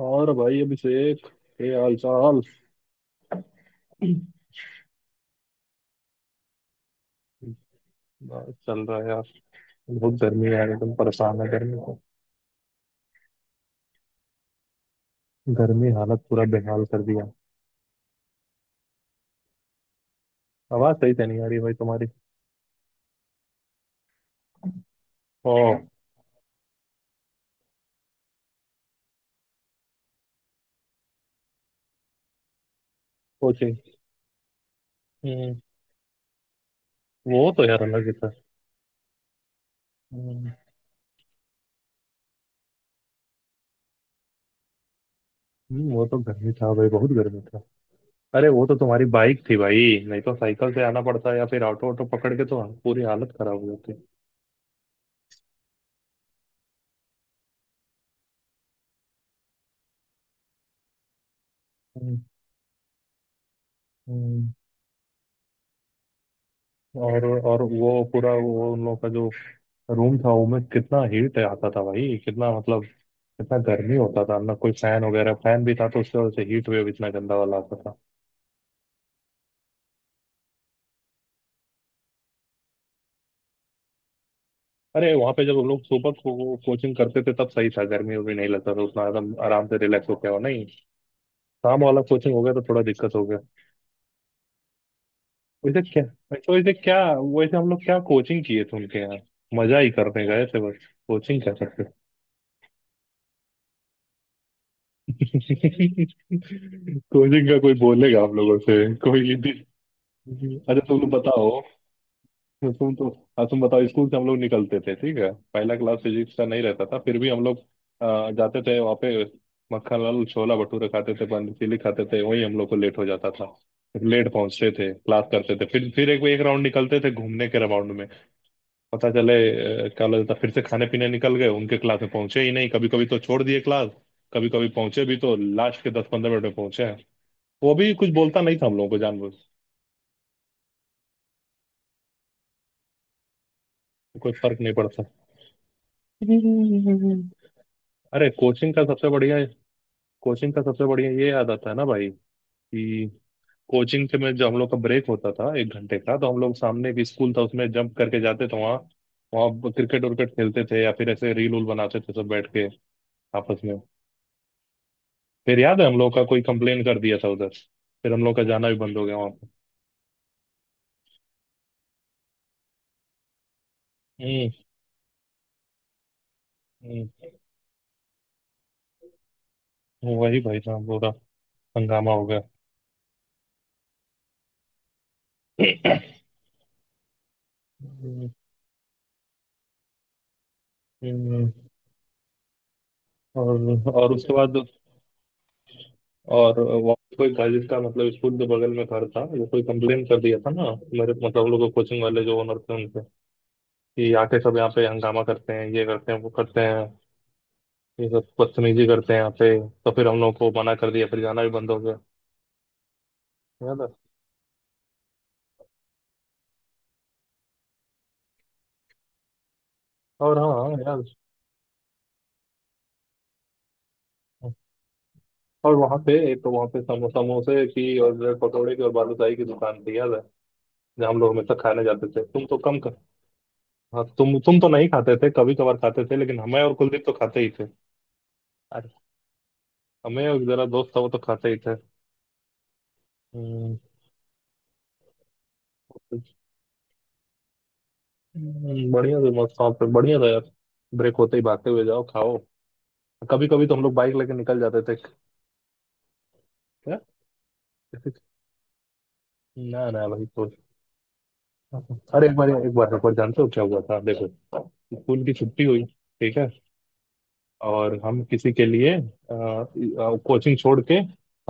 और भाई अभिषेक, ये हाल चाल। बस चल रहा है यार। बहुत गर्मी है यार, एकदम परेशान है गर्मी को। गर्मी हालत पूरा बेहाल कर दिया। आवाज सही से नहीं आ रही भाई तुम्हारी। ओ, कोचिंग। हम्म, वो तो यार अलग ही था। हम्म। वो तो गर्मी था भाई, बहुत गर्मी था। अरे वो तो तुम्हारी बाइक थी भाई। नहीं तो साइकिल से आना पड़ता या फिर ऑटो ऑटो पकड़ के तो पूरी हालत खराब हो जाती। हम्म, हम्म। और वो पूरा वो उन लोग का जो रूम था वो में कितना हीट आता था भाई, कितना मतलब। इतना गर्मी होता था ना, कोई फैन वगैरह, फैन भी था तो उससे वजह से हीट वेव इतना गंदा वाला आता था। अरे वहां पे जब हम लोग सुबह को कोचिंग करते थे तब सही था, गर्मी भी नहीं लगता था उतना, आराम आराम से रिलैक्स हो गया नहीं। शाम वाला कोचिंग हो गया तो थोड़ा दिक्कत हो गया। वैसे क्या, तो वैसे क्या, वैसे हम लोग क्या कोचिंग किए थे उनके यहाँ। मजा ही करने गए थे, बस कोचिंग क्या करते। कोचिंग का कोई बोलेगा आप लोगों से कोई। अच्छा तुम लोग बताओ। तो तुम तो, हाँ तुम बताओ। स्कूल से हम लोग निकलते थे, ठीक है, पहला क्लास फिजिक्स का नहीं रहता था फिर भी हम लोग जाते थे वहाँ पे। मक्खन लाल छोला भटूरे खाते थे, पानी पूरी खाते थे, वही हम लोग को लेट हो जाता था। लेट पहुंचते थे, क्लास करते थे, फिर एक एक राउंड निकलते थे घूमने के, राउंड में पता चले क्या लगता फिर से खाने पीने निकल गए, उनके क्लास में पहुंचे ही नहीं कभी कभी, तो छोड़ दिए क्लास। कभी कभी पहुंचे भी तो लास्ट के 10-15 मिनट में पहुंचे हैं। वो भी कुछ बोलता नहीं था हम लोगों को जानबूझ। कोई फर्क नहीं पड़ता। अरे कोचिंग का सबसे बढ़िया, कोचिंग का सबसे बढ़िया ये याद आता है ना भाई, कि कोचिंग से में जो हम लोग का ब्रेक होता था 1 घंटे का, तो हम लोग सामने एक स्कूल था उसमें जंप करके जाते थे वहाँ। वहाँ क्रिकेट उर्केट खेलते थे या फिर ऐसे रील उल बनाते थे सब बैठ के आपस में। फिर याद है हम लोग का कोई कंप्लेन कर दिया था उधर, फिर हम लोग का जाना भी बंद हो गया वहाँ पे। हम्म। वही भाई साहब पूरा हंगामा हो गया। हम्म, हम्म। और उसके बाद, और वहाँ पे कोई था जिसका मतलब स्कूल के बगल में घर था, वो कोई कंप्लेन कर दिया था ना मेरे, मतलब उन लोगों कोचिंग वाले जो ओनर थे उनसे, कि आके सब यहाँ पे हंगामा करते हैं, ये करते हैं वो करते हैं, ये सब बदतमीजी करते हैं यहाँ पे। तो फिर हम लोगों को मना कर दिया, फिर जाना भी बंद हो गया। याद है। और हाँ यार, और वहाँ पे एक, तो वहाँ पे समोसे की और ब्रेड पकौड़े की और बालूशाही की दुकान थी, याद है, जहाँ हम लोग हमेशा खाने जाते थे, तुम तो कम कर। हाँ, तुम तो नहीं खाते थे, कभी कभार खाते थे, लेकिन हमें और कुलदीप तो खाते ही थे। अरे हमें और जरा दोस्त था, वो तो खाते ही थे। हम्म, बढ़िया था, मस्त शॉप पे बढ़िया था यार। ब्रेक होते ही भागते हुए जाओ खाओ, कभी कभी तो हम लोग बाइक लेके निकल जाते थे। क्या, ना ना भाई तो, अरे एक बार जानते हो क्या हुआ था, देखो। स्कूल की छुट्टी हुई, ठीक है, और हम किसी के लिए कोचिंग छोड़ के,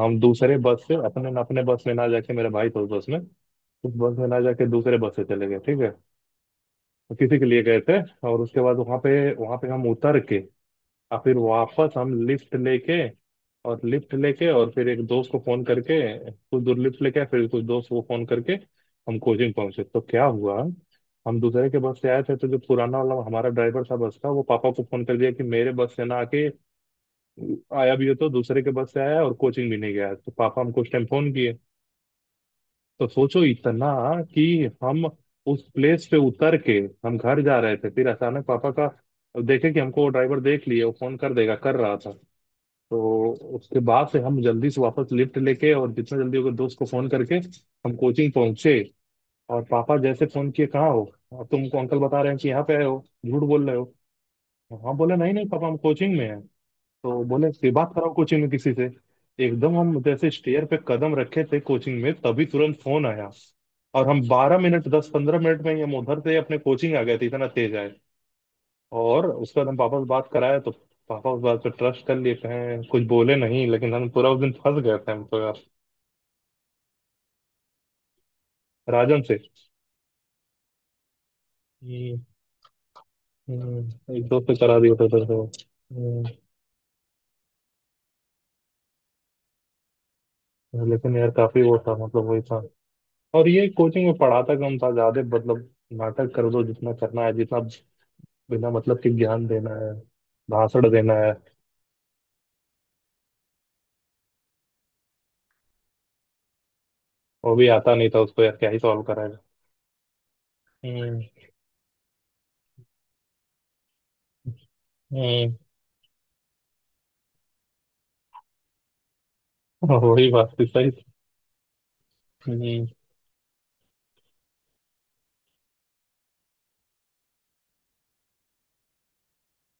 हम दूसरे बस से, अपने अपने बस में ना जाके, मेरे भाई था उस बस में, उस बस में ना जाके दूसरे बस से चले गए, ठीक है। तो किसी के लिए गए थे, और उसके बाद वहाँ पे हम उतर के और फिर वापस हम लिफ्ट लेके, और फिर एक दोस्त को फोन करके कुछ दूर लिफ्ट लेके आए, फिर कुछ दोस्त को फोन करके हम कोचिंग पहुंचे। तो क्या हुआ, हम दूसरे के बस से आए थे तो जो पुराना वाला हमारा ड्राइवर था बस का, वो पापा को फोन कर दिया कि मेरे बस से ना आके, आया भी हो तो दूसरे के बस से आया और कोचिंग भी नहीं गया, तो पापा हमको उस टाइम फोन किए। तो सोचो इतना कि हम उस प्लेस पे उतर के हम घर जा रहे थे, फिर अचानक पापा का, देखे कि हमको वो ड्राइवर देख लिए, वो फोन कर देगा, कर रहा था। तो उसके बाद से हम जल्दी से वापस लिफ्ट लेके और जितना जल्दी होगा दोस्त को फोन करके हम कोचिंग पहुंचे। और पापा जैसे फोन किए कहाँ हो, अब तुमको अंकल बता रहे हैं कि यहाँ पे आए हो, झूठ बोल रहे हो। हाँ बोले नहीं नहीं पापा हम कोचिंग में हैं। तो बोले फिर बात कराओ कोचिंग में किसी से। एकदम हम जैसे स्टेयर पे कदम रखे थे कोचिंग में तभी तुरंत फोन आया। और हम 12 मिनट, 10-15 मिनट में ही हम उधर से अपने कोचिंग आ गए थे, इतना तेज आए। और उसके बाद हम पापा से बात कराए, तो पापा उस बात पे ट्रस्ट कर लिए, कहें कुछ बोले नहीं, लेकिन हम पूरा उस दिन फंस गए थे हम तो यार। राजन से। हम्म, एक दोस्त से करा दिया था सर को। लेकिन यार काफी वो था, मतलब वही था। और ये कोचिंग में पढ़ाता कम था, ज्यादा मतलब नाटक कर दो, जितना करना है जितना, बिना मतलब के ज्ञान देना है, भाषण देना है। वो भी आता नहीं था उसको यार, क्या ही सॉल्व कराएगा। हम्म। हम्म। वही बात थी, सही।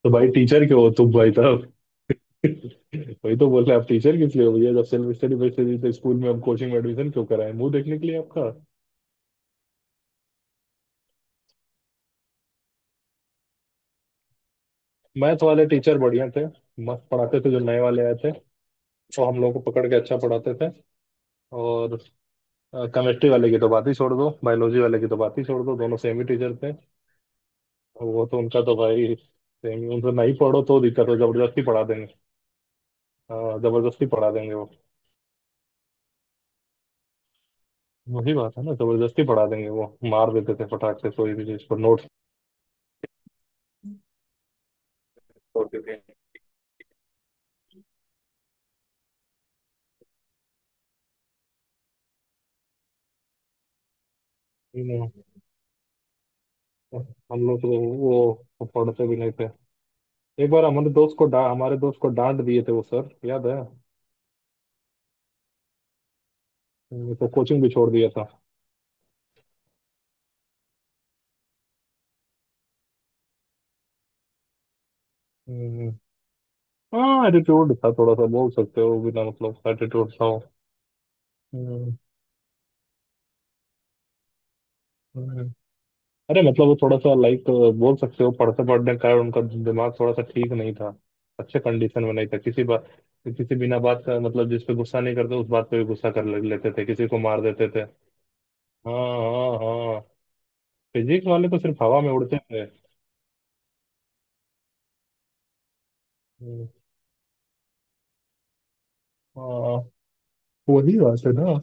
तो भाई टीचर क्यों हो तुम भाई साहब। वही तो बोल रहे हैं, आप टीचर किस लिए हो भैया, जब सेल्फ स्टडी बेस्ड थी तो स्कूल में, हम कोचिंग में एडमिशन क्यों कराए, मुंह देखने के लिए आपका। मैथ वाले टीचर बढ़िया थे, मस्त पढ़ाते थे जो नए वाले आए थे, वो हम लोग को पकड़ के अच्छा पढ़ाते थे। और केमिस्ट्री वाले की तो बात ही छोड़ दो, बायोलॉजी वाले की तो बात ही छोड़ दो, दोनों सेम ही टीचर थे। वो तो, उनका तो भाई सेम ही, उनसे नहीं पढ़ो तो दिक्कत हो, जबरदस्ती पढ़ा देंगे। हाँ, जबरदस्ती पढ़ा देंगे वो। वही बात है ना, जबरदस्ती पढ़ा देंगे वो, मार देते थे फटाक से कोई भी चीज को। 43। you know, हम लोग तो वो पढ़ते भी नहीं थे। एक बार हमारे दोस्त को हमारे दोस्त को डांट दिए थे वो सर, याद है। तो कोचिंग भी छोड़ दिया था। हम्म, हाँ एटीट्यूड था थोड़ा सा, बोल सकते हो बिना मतलब एटीट्यूड था वो। हम्म, हम्म। अरे मतलब वो थोड़ा सा लाइक बोल सकते हो, पढ़ते पढ़ने के कारण उनका दिमाग थोड़ा सा ठीक नहीं था, अच्छे कंडीशन में नहीं था, किसी बात, किसी बिना बात का मतलब, जिस पे गुस्सा नहीं करते उस बात पे भी गुस्सा लेते थे, किसी को मार देते थे। हाँ, हाँ हाँ, फिजिक्स वाले तो सिर्फ हवा में उड़ते थे। हम्म, हाँ वही बात है ना।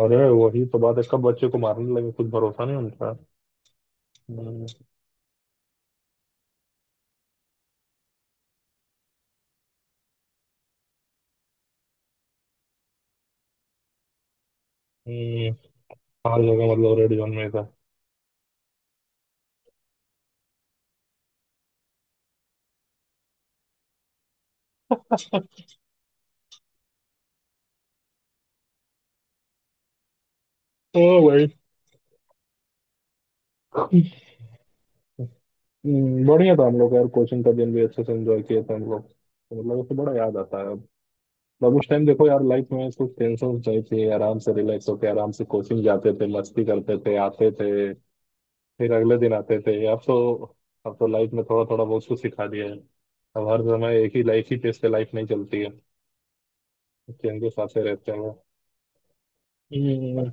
अरे वही तो बात है, कब बच्चे को मारने लगे कुछ भरोसा नहीं उनका। हम्म, हम्म, हर जगह मतलब रेड जोन में था। ओ भाई बढ़िया था हम लोग यार, कोचिंग का दिन भी अच्छे से एंजॉय किए थे हम लोग तो, मतलब उससे बड़ा याद आता है अब। मतलब उस टाइम देखो यार, लाइफ में कुछ टेंशन नहीं थी, आराम से रिलैक्स होके आराम से कोचिंग जाते थे, मस्ती करते थे, आते थे फिर अगले दिन आते थे, अब तो, अब तो लाइफ में थोड़ा थोड़ा बहुत कुछ सिखा दिया है। अब हर समय एक ही लाइफ ही पेस पे लाइफ नहीं चलती है, चेंजेस आते रहते हैं। हम्म,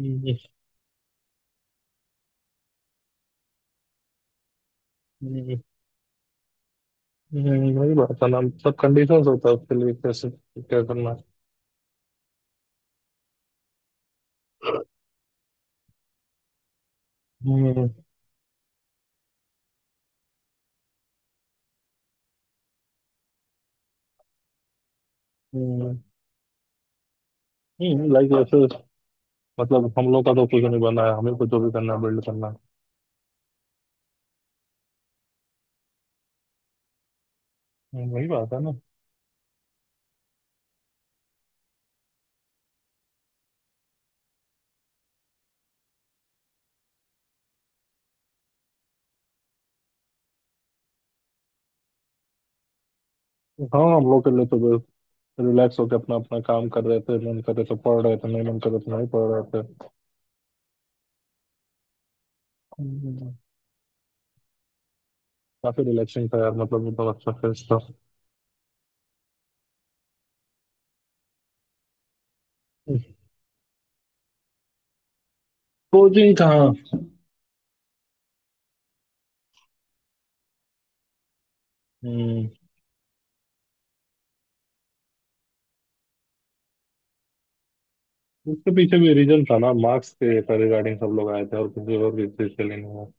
हम्म, हम्म, वही बात है ना, सब कंडीशंस होता है उसके लिए, कैसे क्या करना है। हम्म, हम्म, हम्म, लाइक ऐसे, मतलब हम लोग का तो कुछ नहीं बना है, हमें कुछ जो भी करना है बिल्ड करना है। वही बात है ना। हाँ हम लोग के लिए तो बस रिलैक्स होकर अपना अपना काम कर रहे थे, मन कर रहे थे पढ़ रहे थे, नहीं मन कर रहे थे नहीं पढ़ रहे थे। काफी रिलैक्सिंग था यार मतलब, वो बहुत अच्छा फेस था। कोचिंग कहाँ। हम्म, उसके पीछे भी रीजन था ना, मार्क्स के रिगार्डिंग सब लोग आए थे, और किसी और भी चीज के लिए नहीं आए।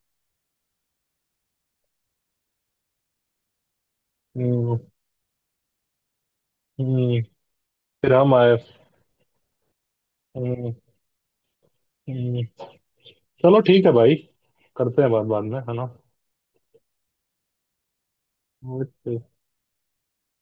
हम्म, हम्म, फिर हम आए। हम्म, हम्म। चलो ठीक है भाई, करते हैं बात बाद में है ना। ओके।